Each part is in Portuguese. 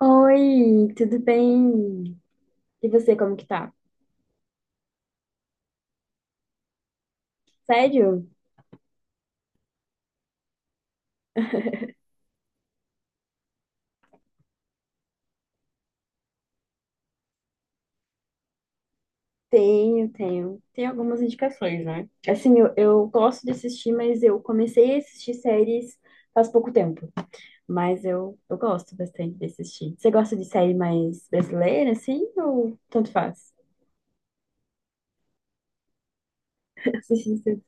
Oi, tudo bem? E você, como que tá? Sério? Tenho, tenho. Tem algumas indicações, né? Assim, eu gosto de assistir, mas eu comecei a assistir séries faz pouco tempo. Mas eu gosto bastante de assistir. Você gosta de série mais brasileira, assim, ou tanto faz? Assistir série.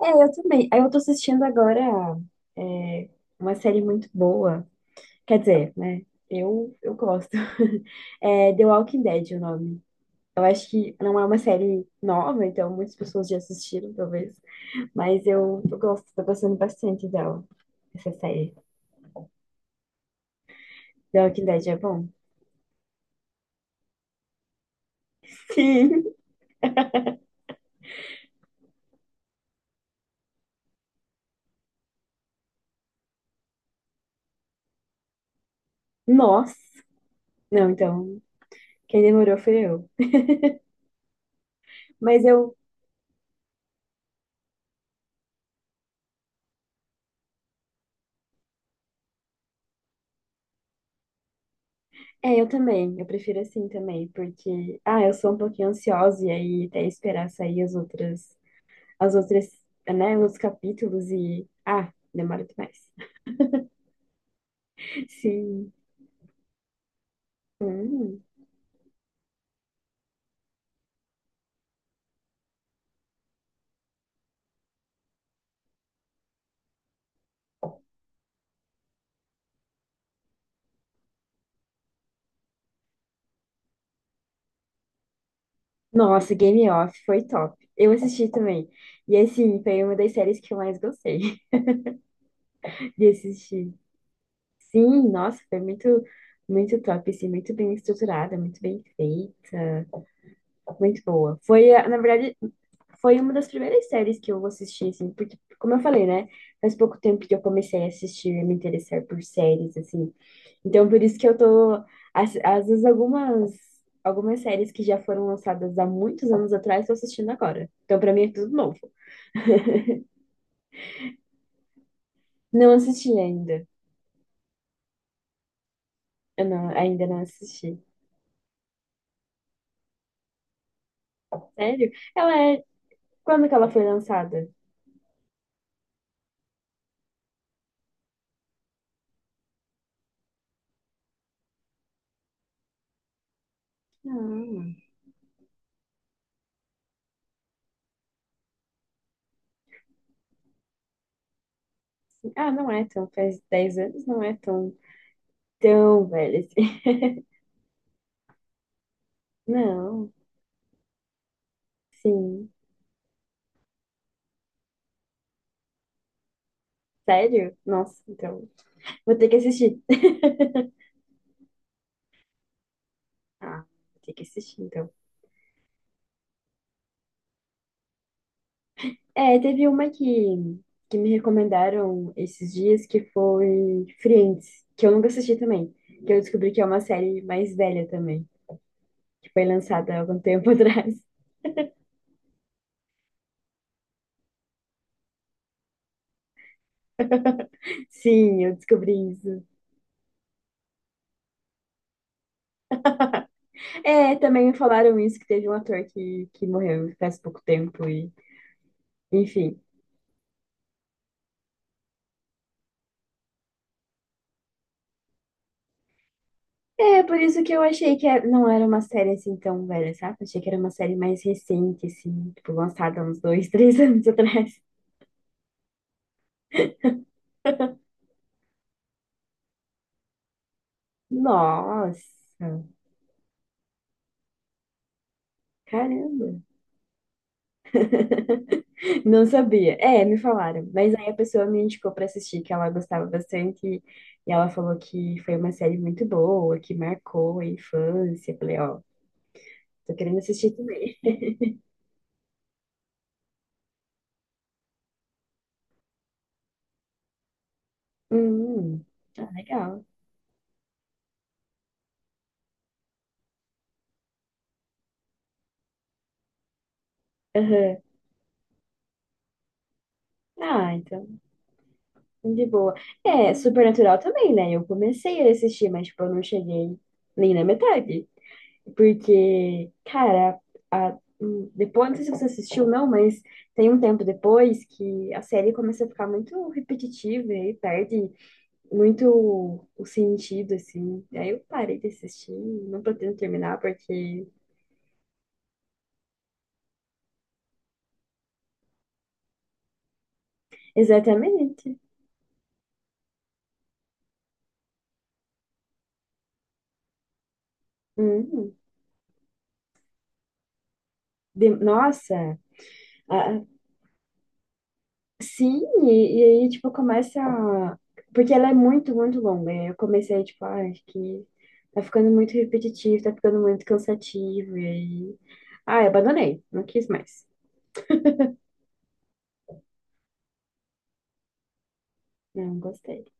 É, eu também. Aí eu tô assistindo agora é, uma série muito boa. Quer dizer, né? Eu gosto. É The Walking Dead, o nome. Eu acho que não é uma série nova, então muitas pessoas já assistiram, talvez. Mas eu gosto, tô gostando bastante dela, essa série. The Walking Dead é bom. Sim. Nossa. Não, então, quem demorou foi eu. Mas eu, é, eu também. Eu prefiro assim também, porque, ah, eu sou um pouquinho ansiosa e aí até esperar sair as outras, né, os capítulos e, ah, demora demais. Sim. Hum. Nossa, Game Off foi top. Eu assisti também. E assim, foi uma das séries que eu mais gostei de assistir. Sim, nossa, foi muito, muito top, assim, muito bem estruturada, muito bem feita, muito boa. Foi, na verdade, foi uma das primeiras séries que eu assisti, assim, porque, como eu falei, né? Faz pouco tempo que eu comecei a assistir e me interessar por séries, assim. Então, por isso que eu tô, às, às vezes, algumas séries que já foram lançadas há muitos anos atrás, estou assistindo agora. Então, pra mim é tudo novo. Não assisti ainda. Eu não, ainda não assisti. Sério? Ela é. Quando que ela foi lançada? Não. Ah, não é tão. Faz 10 anos, não é tão, tão velha assim. Não. Sim. Sério? Nossa, então. Vou ter que assistir. Ah, vou ter que assistir, então. É, teve uma que me recomendaram esses dias que foi Friends, que eu nunca assisti também. Que eu descobri que é uma série mais velha também, que foi lançada há algum tempo atrás. Sim, eu descobri isso. É, também me falaram isso, que teve um ator que morreu faz pouco tempo e, enfim. É, por isso que eu achei que não era uma série assim tão velha, sabe? Achei que era uma série mais recente, assim, tipo, lançada uns dois, três anos atrás. Nossa, caramba. Não sabia. É, me falaram. Mas aí a pessoa me indicou pra assistir, que ela gostava bastante. E ela falou que foi uma série muito boa, que marcou a infância. Eu falei, ó, tô querendo assistir também. Hum, tá legal. Aham. Ah, então, de boa. É, Supernatural também, né? Eu comecei a assistir, mas, tipo, eu não cheguei nem na metade. Porque, cara, depois, não sei se você assistiu, não, mas tem um tempo depois que a série começa a ficar muito repetitiva e perde muito o sentido, assim. Aí eu parei de assistir, não pretendo terminar, porque. Exatamente. Hum. Nossa. Sim, e aí, tipo, Porque ela é muito, muito longa. E aí eu comecei, tipo, ah, acho que tá ficando muito repetitivo, tá ficando muito cansativo. E aí. Ah, eu abandonei. Não quis mais. Não gostei.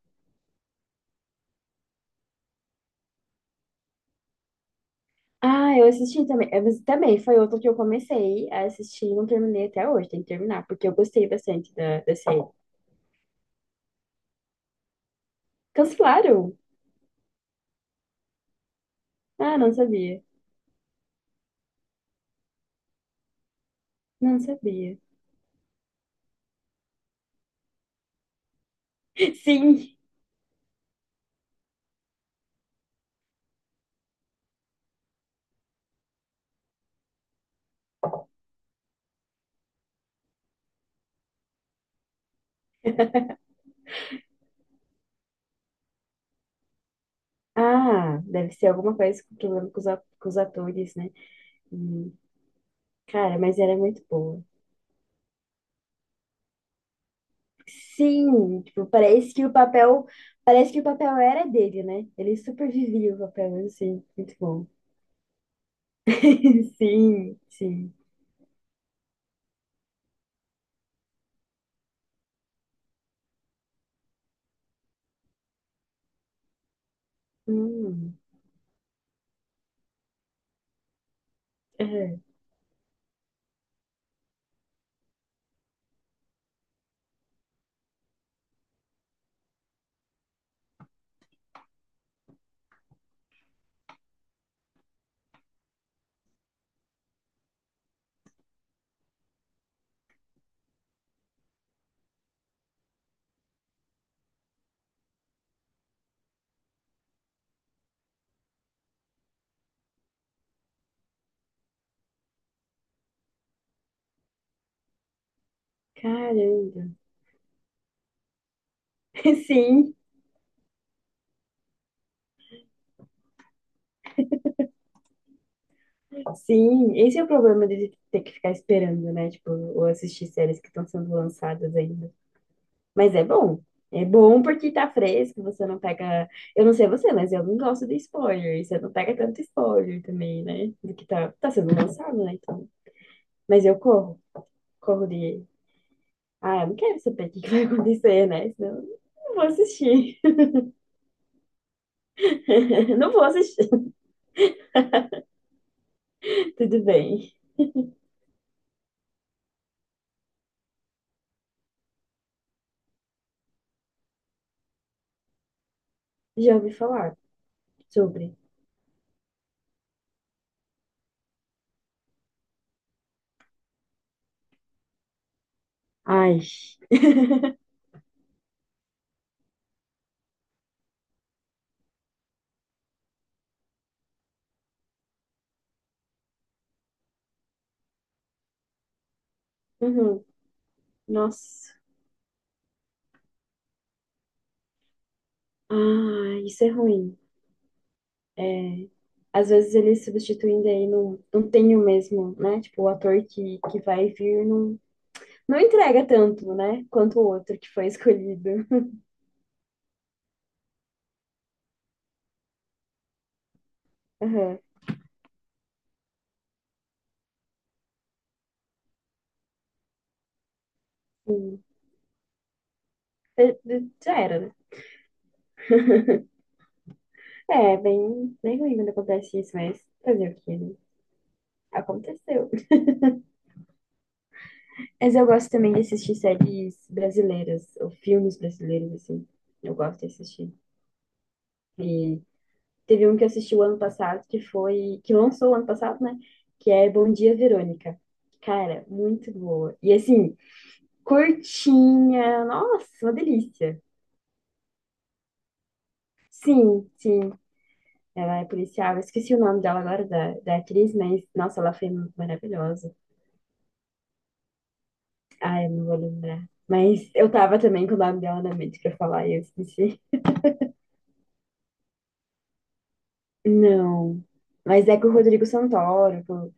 Ah, eu assisti também. Mas também foi outro que eu comecei a assistir e não terminei até hoje. Tem que terminar, porque eu gostei bastante da série. Cancelaram? Ah, não sabia. Não sabia. Sim! Ah, deve ser alguma coisa com problema com os, com os atores, né? Cara, mas era muito boa. Sim, tipo, parece que o papel, parece que o papel era dele, né? Ele super o papel, assim, muito bom. Sim, sim. Hum, é. Caramba. Sim, sim. Esse é o problema de ter que ficar esperando, né? Tipo, ou assistir séries que estão sendo lançadas ainda. Mas é bom. É bom porque tá fresco, você não pega. Eu não sei você, mas eu não gosto de spoiler. Você não pega tanto spoiler também, né? Do que tá, tá sendo lançado, né? Então. Mas eu corro. Corro de. Ah, eu não quero saber o que que vai acontecer, né? Senão eu não vou assistir. Não vou assistir. Tudo bem. Já ouvi falar sobre. Ai. Uhum. Nossa. Ah, isso é ruim. É. Às vezes eles substituindo aí não, não tem o mesmo, né? Tipo, o ator que vai vir não, não entrega tanto, né? Quanto o outro que foi escolhido. Aham. Sim. Já era, né? É, bem, bem ruim quando acontece isso, mas fazer o quê, né? Aconteceu. Mas eu gosto também de assistir séries brasileiras, ou filmes brasileiros, assim. Eu gosto de assistir. E teve um que eu assisti o ano passado, que foi, que lançou o ano passado, né? Que é Bom Dia, Verônica. Cara, muito boa. E assim, curtinha, nossa, uma delícia. Sim, sim. Ela é policial, eu esqueci o nome dela agora, da atriz, mas, nossa, ela foi maravilhosa. Ah, eu não vou lembrar. Mas eu tava também com o nome dela na mente pra falar e eu esqueci. Não. Mas é com o Rodrigo Santoro.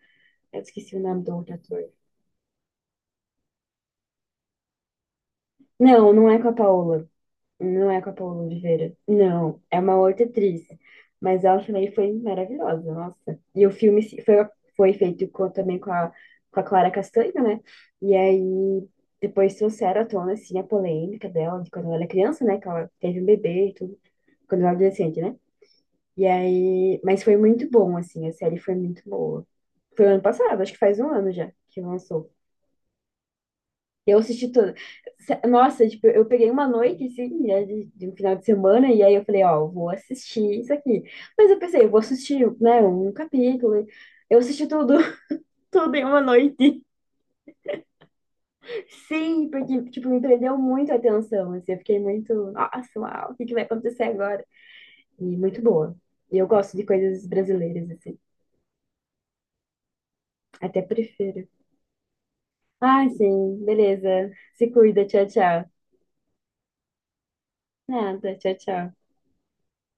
Eu esqueci o nome do outro ator. Não, não é com a Paola. Não é com a Paola Oliveira. Não, é uma outra atriz. Mas ela também foi maravilhosa, nossa. E o filme foi, foi feito também com a Clara Castanho, né? E aí depois trouxeram à tona, assim, a polêmica dela de quando ela era criança, né? Que ela teve um bebê e tudo. Quando ela era adolescente, né? E aí, mas foi muito bom, assim, a série foi muito boa. Foi o ano passado, acho que faz 1 ano já que lançou. Eu assisti toda. Nossa, tipo, eu peguei uma noite, assim, né, de um final de semana, e aí eu falei, ó, vou assistir isso aqui. Mas eu pensei, eu vou assistir, né, um capítulo. Eu assisti tudo, tudo em uma noite. Sim, porque, tipo, me prendeu muito a atenção, assim, eu fiquei muito, nossa, uau, o que que vai acontecer agora? E muito boa. E eu gosto de coisas brasileiras, assim, até prefiro. Ah, sim, beleza. Se cuida, tchau, tchau. Nada, tchau, tchau.